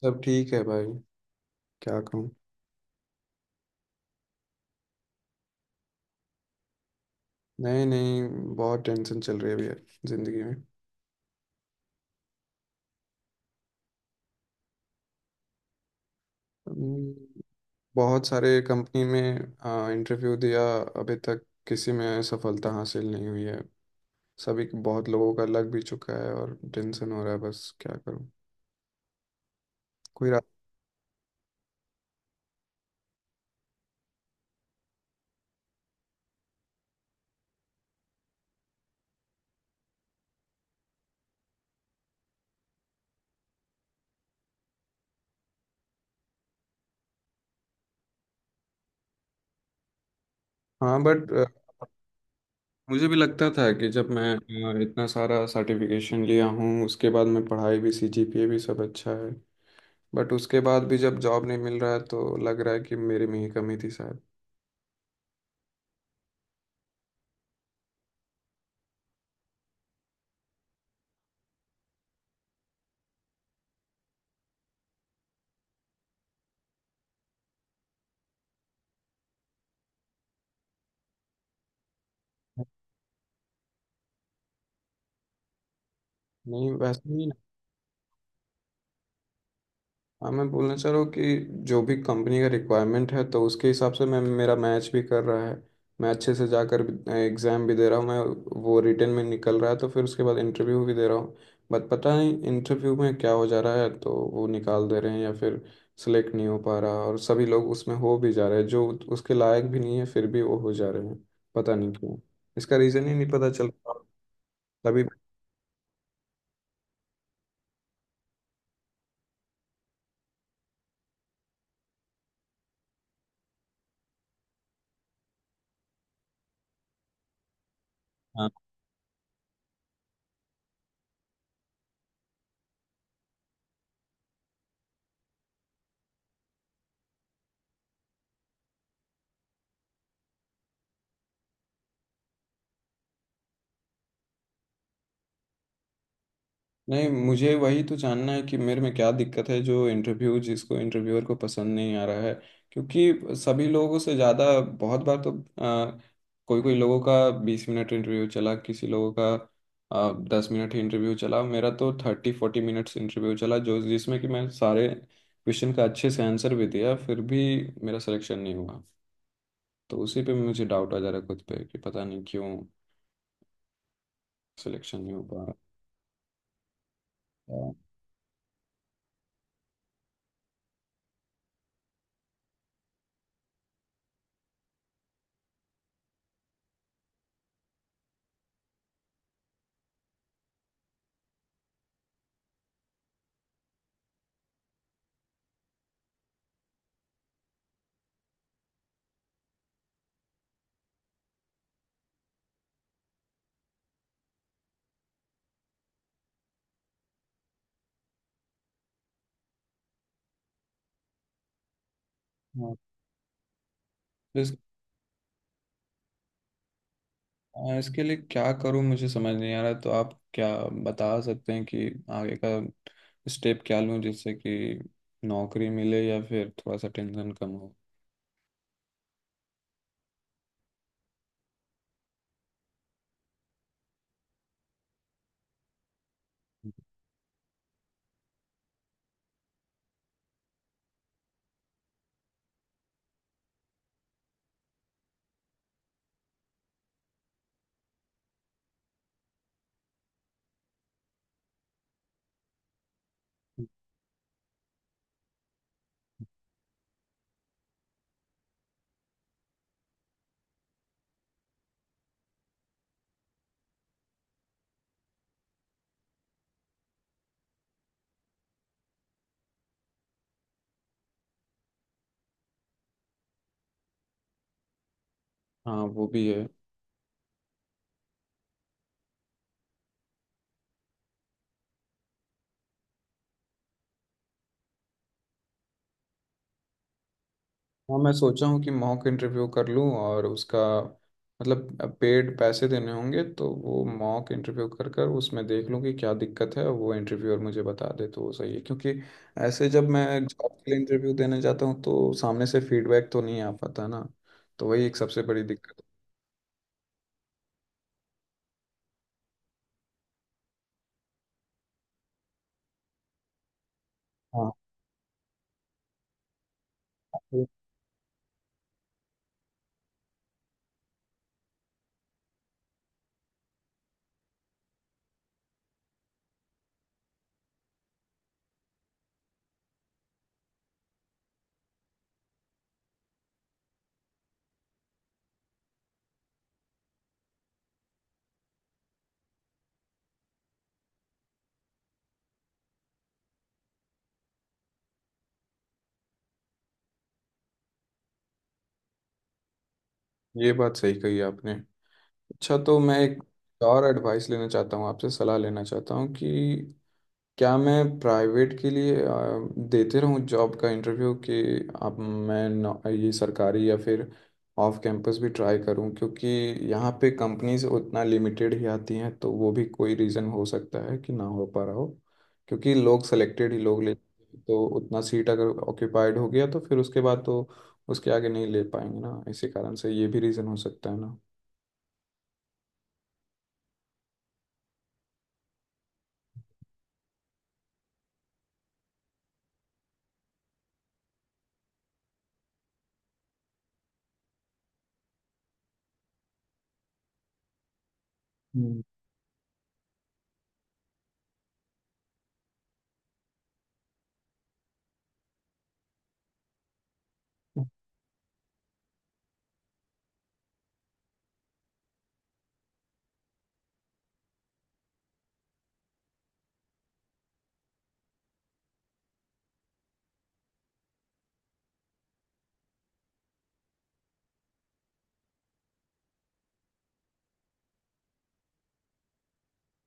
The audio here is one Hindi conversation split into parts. सब ठीक है भाई। क्या कहूँ। नहीं नहीं, बहुत टेंशन चल रही है अभी जिंदगी में। हम्म, बहुत सारे कंपनी में इंटरव्यू दिया। अभी तक किसी में सफलता हासिल नहीं हुई है। सभी बहुत लोगों का लग भी चुका है और टेंशन हो रहा है, बस क्या करूँ। कोई रा... हाँ बट मुझे भी लगता था कि जब मैं इतना सारा सर्टिफिकेशन लिया हूँ उसके बाद मैं पढ़ाई भी CGPA भी सब अच्छा है। बट उसके बाद भी जब जॉब नहीं मिल रहा है तो लग रहा है कि मेरे में ही कमी थी शायद। नहीं वैसे ही ना। हाँ मैं बोलना चाह रहा हूँ कि जो भी कंपनी का रिक्वायरमेंट है तो उसके हिसाब से मैं मेरा मैच भी कर रहा है। मैं अच्छे से जाकर एग्ज़ाम भी दे रहा हूँ, मैं वो रिटर्न में निकल रहा है तो फिर उसके बाद इंटरव्यू भी दे रहा हूँ। बट पता नहीं इंटरव्यू में क्या हो जा रहा है तो वो निकाल दे रहे हैं या फिर सिलेक्ट नहीं हो पा रहा। और सभी लोग उसमें हो भी जा रहे हैं जो उसके लायक भी नहीं है फिर भी वो हो जा रहे हैं। पता नहीं क्यों, इसका रीज़न ही नहीं पता चल रहा। तभी नहीं, मुझे वही तो जानना है कि मेरे में क्या दिक्कत है जो इंटरव्यू जिसको इंटरव्यूअर को पसंद नहीं आ रहा है। क्योंकि सभी लोगों से ज़्यादा बहुत बार तो कोई कोई लोगों का 20 मिनट इंटरव्यू चला, किसी लोगों का 10 मिनट ही इंटरव्यू चला, मेरा तो 30 40 मिनट्स इंटरव्यू चला जो जिसमें कि मैं सारे क्वेश्चन का अच्छे से आंसर भी दिया फिर भी मेरा सिलेक्शन नहीं हुआ। तो उसी पे मुझे डाउट आ जा रहा है खुद पे कि पता नहीं क्यों सिलेक्शन नहीं हो पा रहा। हाँ। इसके लिए क्या करूं मुझे समझ नहीं आ रहा, तो आप क्या बता सकते हैं कि आगे का स्टेप क्या लूं जिससे कि नौकरी मिले या फिर थोड़ा सा टेंशन कम हो। हाँ वो भी है। हाँ मैं सोचा हूँ कि मॉक इंटरव्यू कर लूँ और उसका मतलब पेड पैसे देने होंगे तो वो मॉक इंटरव्यू कर कर उसमें देख लूँ कि क्या दिक्कत है और वो इंटरव्यूअर मुझे बता दे तो वो सही है। क्योंकि ऐसे जब मैं जॉब के लिए इंटरव्यू देने जाता हूँ तो सामने से फीडबैक तो नहीं आ पाता ना। तो वही एक सबसे बड़ी दिक्कत है। हाँ ये बात सही कही आपने। अच्छा तो मैं एक और एडवाइस लेना चाहता हूँ आपसे, सलाह लेना चाहता हूँ कि क्या मैं प्राइवेट के लिए देते रहूं जॉब का इंटरव्यू कि अब मैं ये सरकारी या फिर ऑफ कैंपस भी ट्राई करूं। क्योंकि यहाँ पे कंपनीज उतना लिमिटेड ही आती हैं तो वो भी कोई रीज़न हो सकता है कि ना हो पा रहा हो। क्योंकि लोग सेलेक्टेड ही लोग ले तो उतना सीट अगर ऑक्यूपाइड हो गया तो फिर उसके बाद तो उसके आगे नहीं ले पाएंगे ना, इसी कारण से ये भी रीज़न हो सकता है ना। हम्म।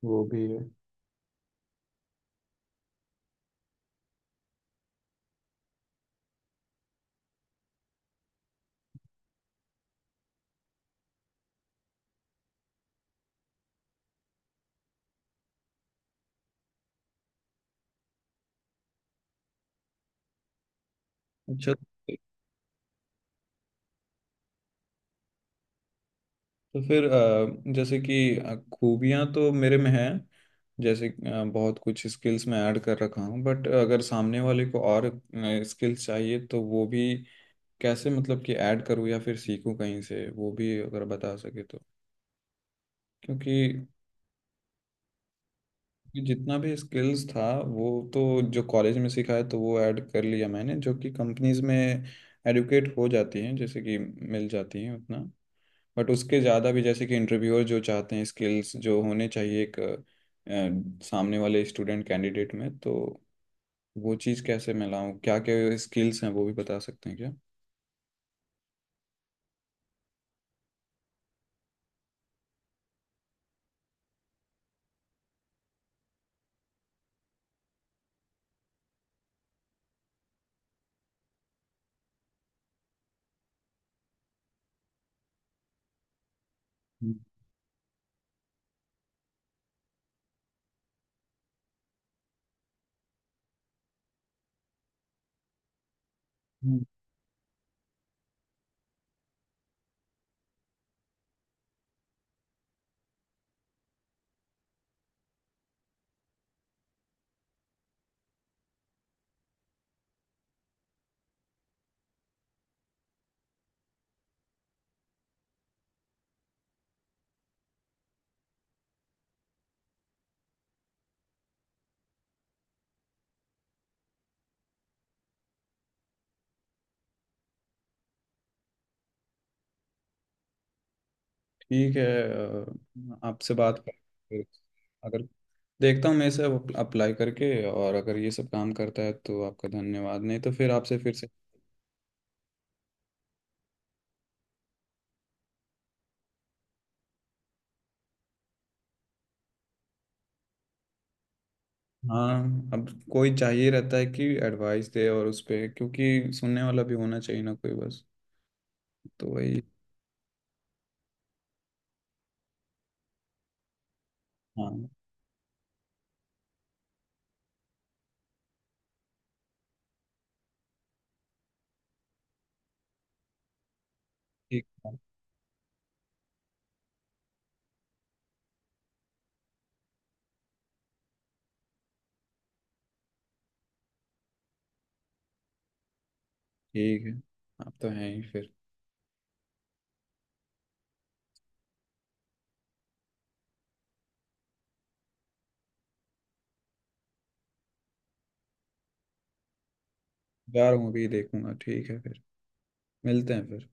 वो भी है। अच्छा तो फिर जैसे कि खूबियां तो मेरे में हैं, जैसे बहुत कुछ स्किल्स मैं ऐड कर रखा हूँ। बट अगर सामने वाले को और स्किल्स चाहिए तो वो भी कैसे मतलब कि ऐड करूँ या फिर सीखूँ कहीं से, वो भी अगर बता सके तो। क्योंकि जितना भी स्किल्स था वो तो जो कॉलेज में सीखा है तो वो ऐड कर लिया मैंने जो कि कंपनीज में एडुकेट हो जाती हैं जैसे कि मिल जाती हैं उतना। बट उसके ज़्यादा भी जैसे कि इंटरव्यूअर जो चाहते हैं स्किल्स जो होने चाहिए एक सामने वाले स्टूडेंट कैंडिडेट में, तो वो चीज़ कैसे मैं लाऊं, क्या क्या स्किल्स हैं वो भी बता सकते हैं क्या। हम्म। ठीक है। आपसे बात कर फिर अगर देखता हूँ मैं इसे अप्लाई करके और अगर ये सब काम करता है तो आपका धन्यवाद, नहीं तो फिर आपसे फिर से। हाँ अब कोई चाहिए रहता है कि एडवाइस दे और उस पे क्योंकि सुनने वाला भी होना चाहिए ना कोई, बस तो वही। हाँ ठीक है। ठीक है आप तो हैं ही फिर। जा रहा हूँ अभी देखूंगा, ठीक है फिर मिलते हैं फिर।